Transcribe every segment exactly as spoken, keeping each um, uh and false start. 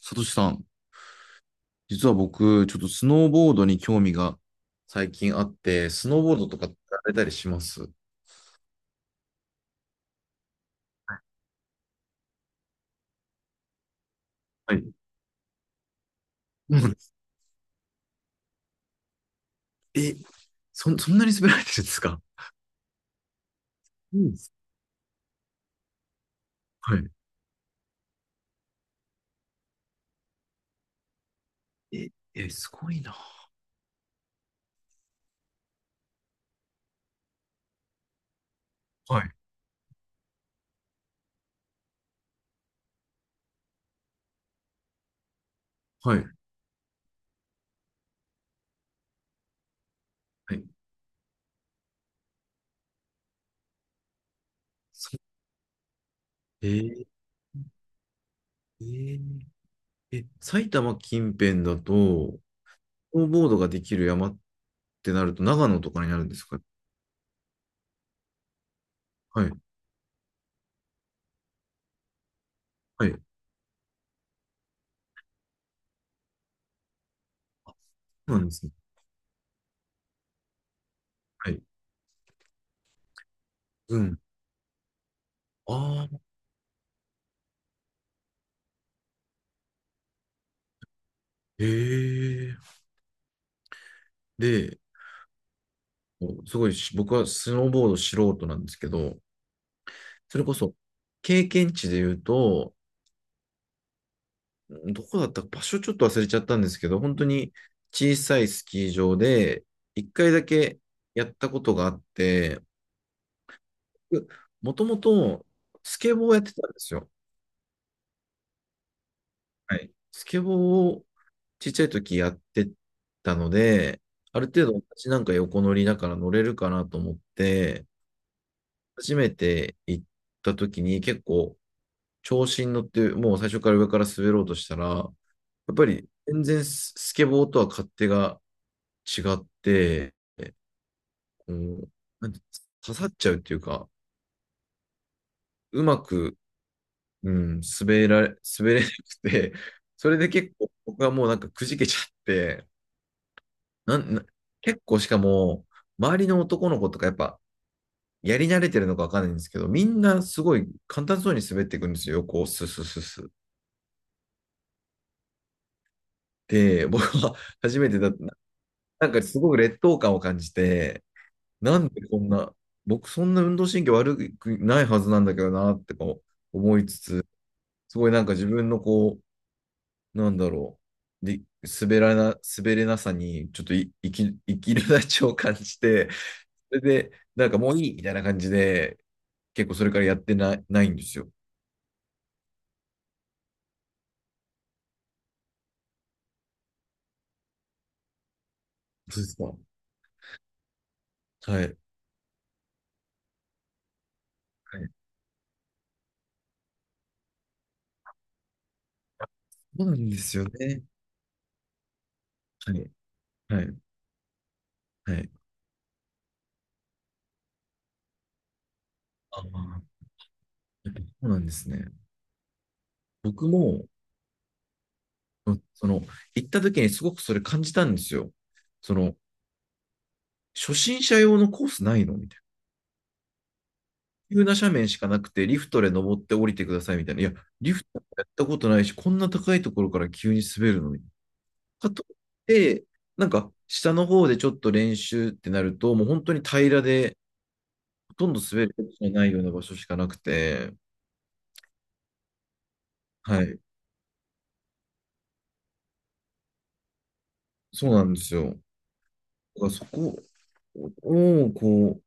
さとしさん、実は僕、ちょっとスノーボードに興味が最近あって、スノーボードとかやられたりします？はい。うん、え、そ、そんなに滑られてるんですか？うん。はい。え、え、すごいな。はい。はい。はい。そえーえーえ埼玉近辺だと、スノーボードができる山ってなると、長野とかになるんですか？はい。はい。そうなんですね。はい。うん。ああ、へえ。で、すごいし、僕はスノーボード素人なんですけど、それこそ経験値で言うと、どこだったか場所ちょっと忘れちゃったんですけど、本当に小さいスキー場でいっかいだけやったことがあって、もともとスケボーをやってたんですよ。はい。スケボーをちっちゃい時やってたので、ある程度私なんか横乗りだから乗れるかなと思って、初めて行った時に結構調子に乗って、もう最初から上から滑ろうとしたら、やっぱり全然ススケボーとは勝手が違って、うん、なんて刺さっちゃうっていうか、うまく、うん、滑られ、滑れなくて、それで結構僕はもうなんかくじけちゃって、なんな結構しかも、周りの男の子とかやっぱ、やり慣れてるのかわかんないんですけど、みんなすごい簡単そうに滑っていくんですよ、こう、スススス。で、僕は初めてだ、なんかすごく劣等感を感じて、なんでこんな、僕そんな運動神経悪くないはずなんだけどなってこう思いつつ、すごいなんか自分のこう、なんだろう、で、滑らな、滑れなさに、ちょっとい、生き、生きるなちを感じて、それで、なんかもういいみたいな感じで、結構それからやってない、ないんですよ。そうですか。はい。はい。そうなんですよね。はい。はい。はい。ああ、やっぱそうなんですね。僕も、うん、その、行った時にすごくそれ感じたんですよ。その、初心者用のコースないのみたいな。急な斜面しかなくて、リフトで登って降りてくださいみたいな。いや、リフトやったことないし、こんな高いところから急に滑るのに。かといって、なんか、下の方でちょっと練習ってなると、もう本当に平らで、ほとんど滑ることのないような場所しかなくて、はい、そうなんですよ。だからそこを、こう、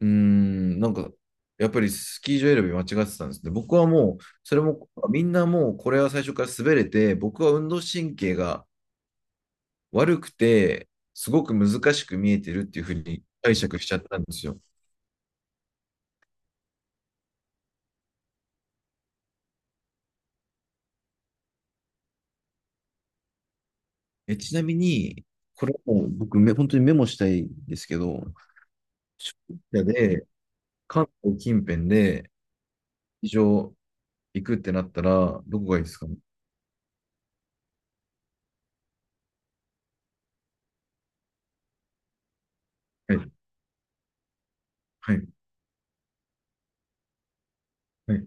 うーん、なんか、やっぱりスキー場選び間違ってたんですね。僕はもう、それも、みんなもうこれは最初から滑れて、僕は運動神経が悪くて、すごく難しく見えてるっていうふうに解釈しちゃったんですよ。え、ちなみに、これもう僕め、本当にメモしたいんですけど、初心者で、関東近辺で、スキー場行くってなったら、どこがいいですかね？はい、はい、はい。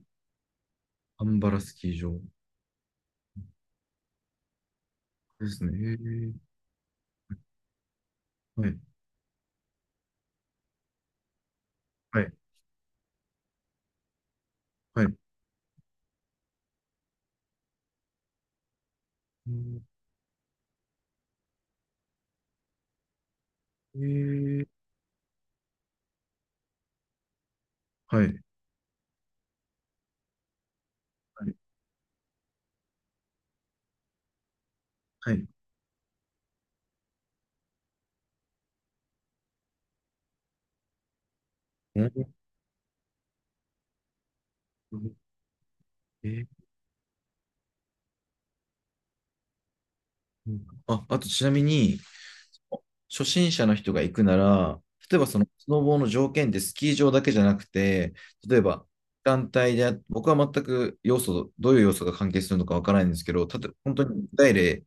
アンバラスキー場ですね。へー、はい、はい、はい。うん。えー、はい。はい、はい。なるほど。えー、うん。あ、あとちなみに、初心者の人が行くなら、例えばそのスノボーの条件ってスキー場だけじゃなくて、例えば団体で僕は全く要素、どういう要素が関係するのかわからないんですけど、たと、本当に具体例、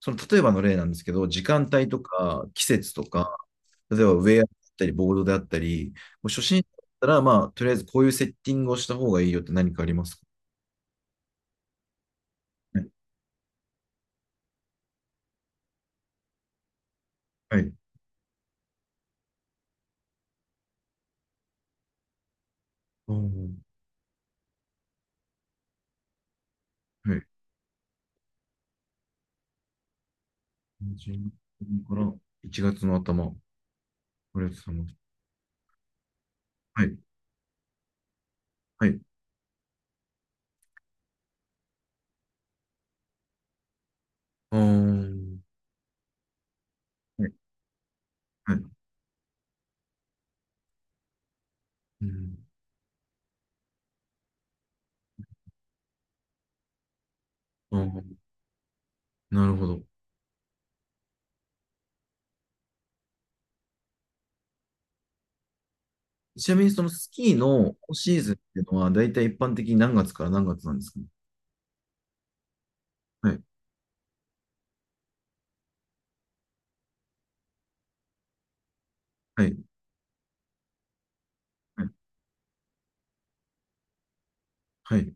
その例えばの例なんですけど、時間帯とか季節とか、例えばウェアだったり、ボードであったり、もう初心者だったら、まあ、とりあえずこういうセッティングをした方がいいよって何かありますかね？はい。ああ、はい。じゅうにからいちがつの頭、これ様。はい。はい。ああ、ん、はい。はい。うん、ああ、なるほど。ちなみに、そのスキーのオフシーズンっていうのは、だいたい一般的に何月から何月なんですかね？はい。はい。はい。はい。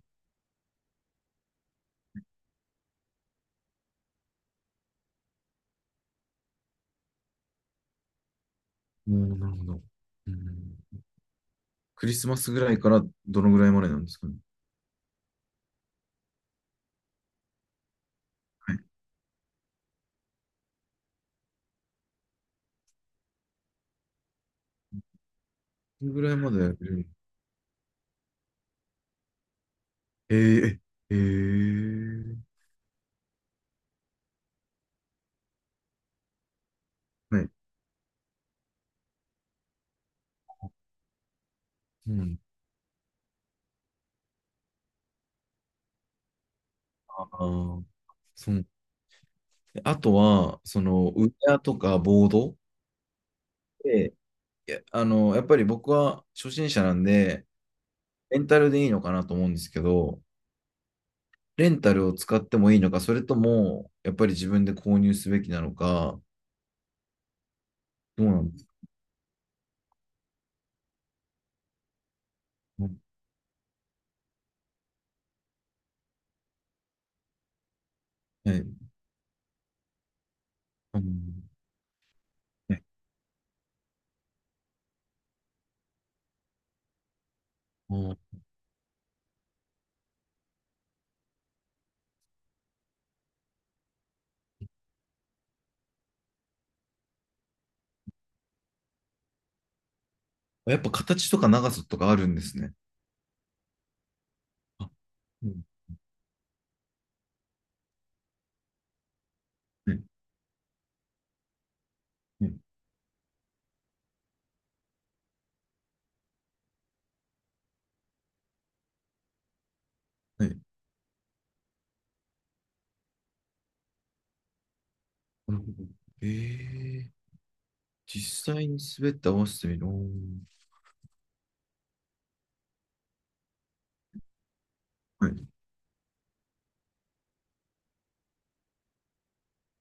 おー、なるほど。うん、クリスマスぐらいからどのぐらいまでなんですかね？はい。どのぐらいまでやれる？ええ、ええ、はい。うん、ああ、そう。あとは、その、ウェアとかボードで、いや、あの、やっぱり僕は初心者なんで、レンタルでいいのかなと思うんですけど、レンタルを使ってもいいのか、それとも、やっぱり自分で購入すべきなのか、どうなんですかね？はい。うん。ね。あーやっぱ形とか長さとかあるんですね。あ、うん、はい、はい、はい。なるほど。えー実際に滑って合わせてみる。おー、はい、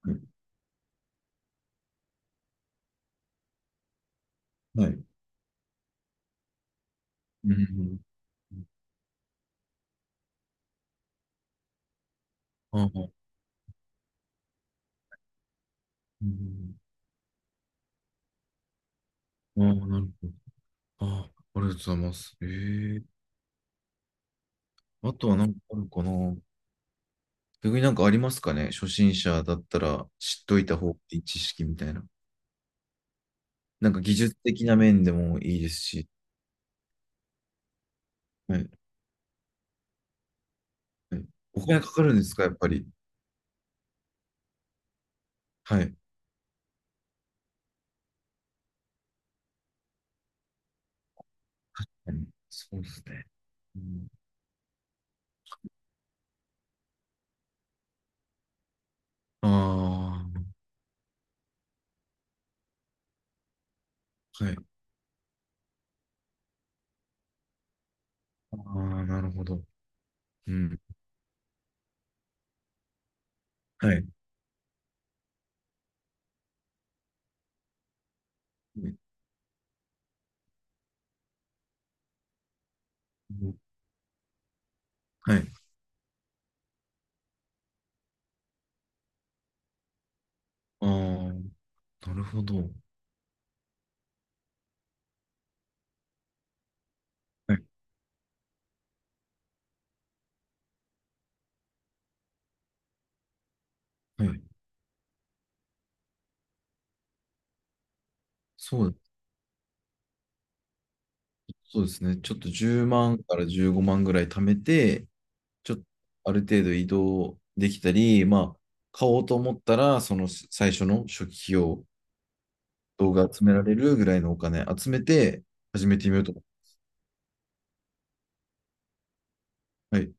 はい、はい。うん、ああ、うん、ああ、なるほど。ああ、ありがとうございます。ええ、あとは何かあるかな？逆になんかありますかね？初心者だったら知っといた方がいい知識みたいな。なんか技術的な面でもいいですし。はい。はい、お金かかるんですか？やっぱり。はい。はい、そうですね。うん、ああ、はい。ああ、なるほど。うん。はい。うん、はい。ああ、なるほど。はい。はい。そう。そうですね。ちょっとじゅうまんからじゅうごまんぐらい貯めて、ちょっとある程度移動できたり、まあ、買おうと思ったら、その最初の初期費用、動画集められるぐらいのお金集めて始めてみようと思う。はい。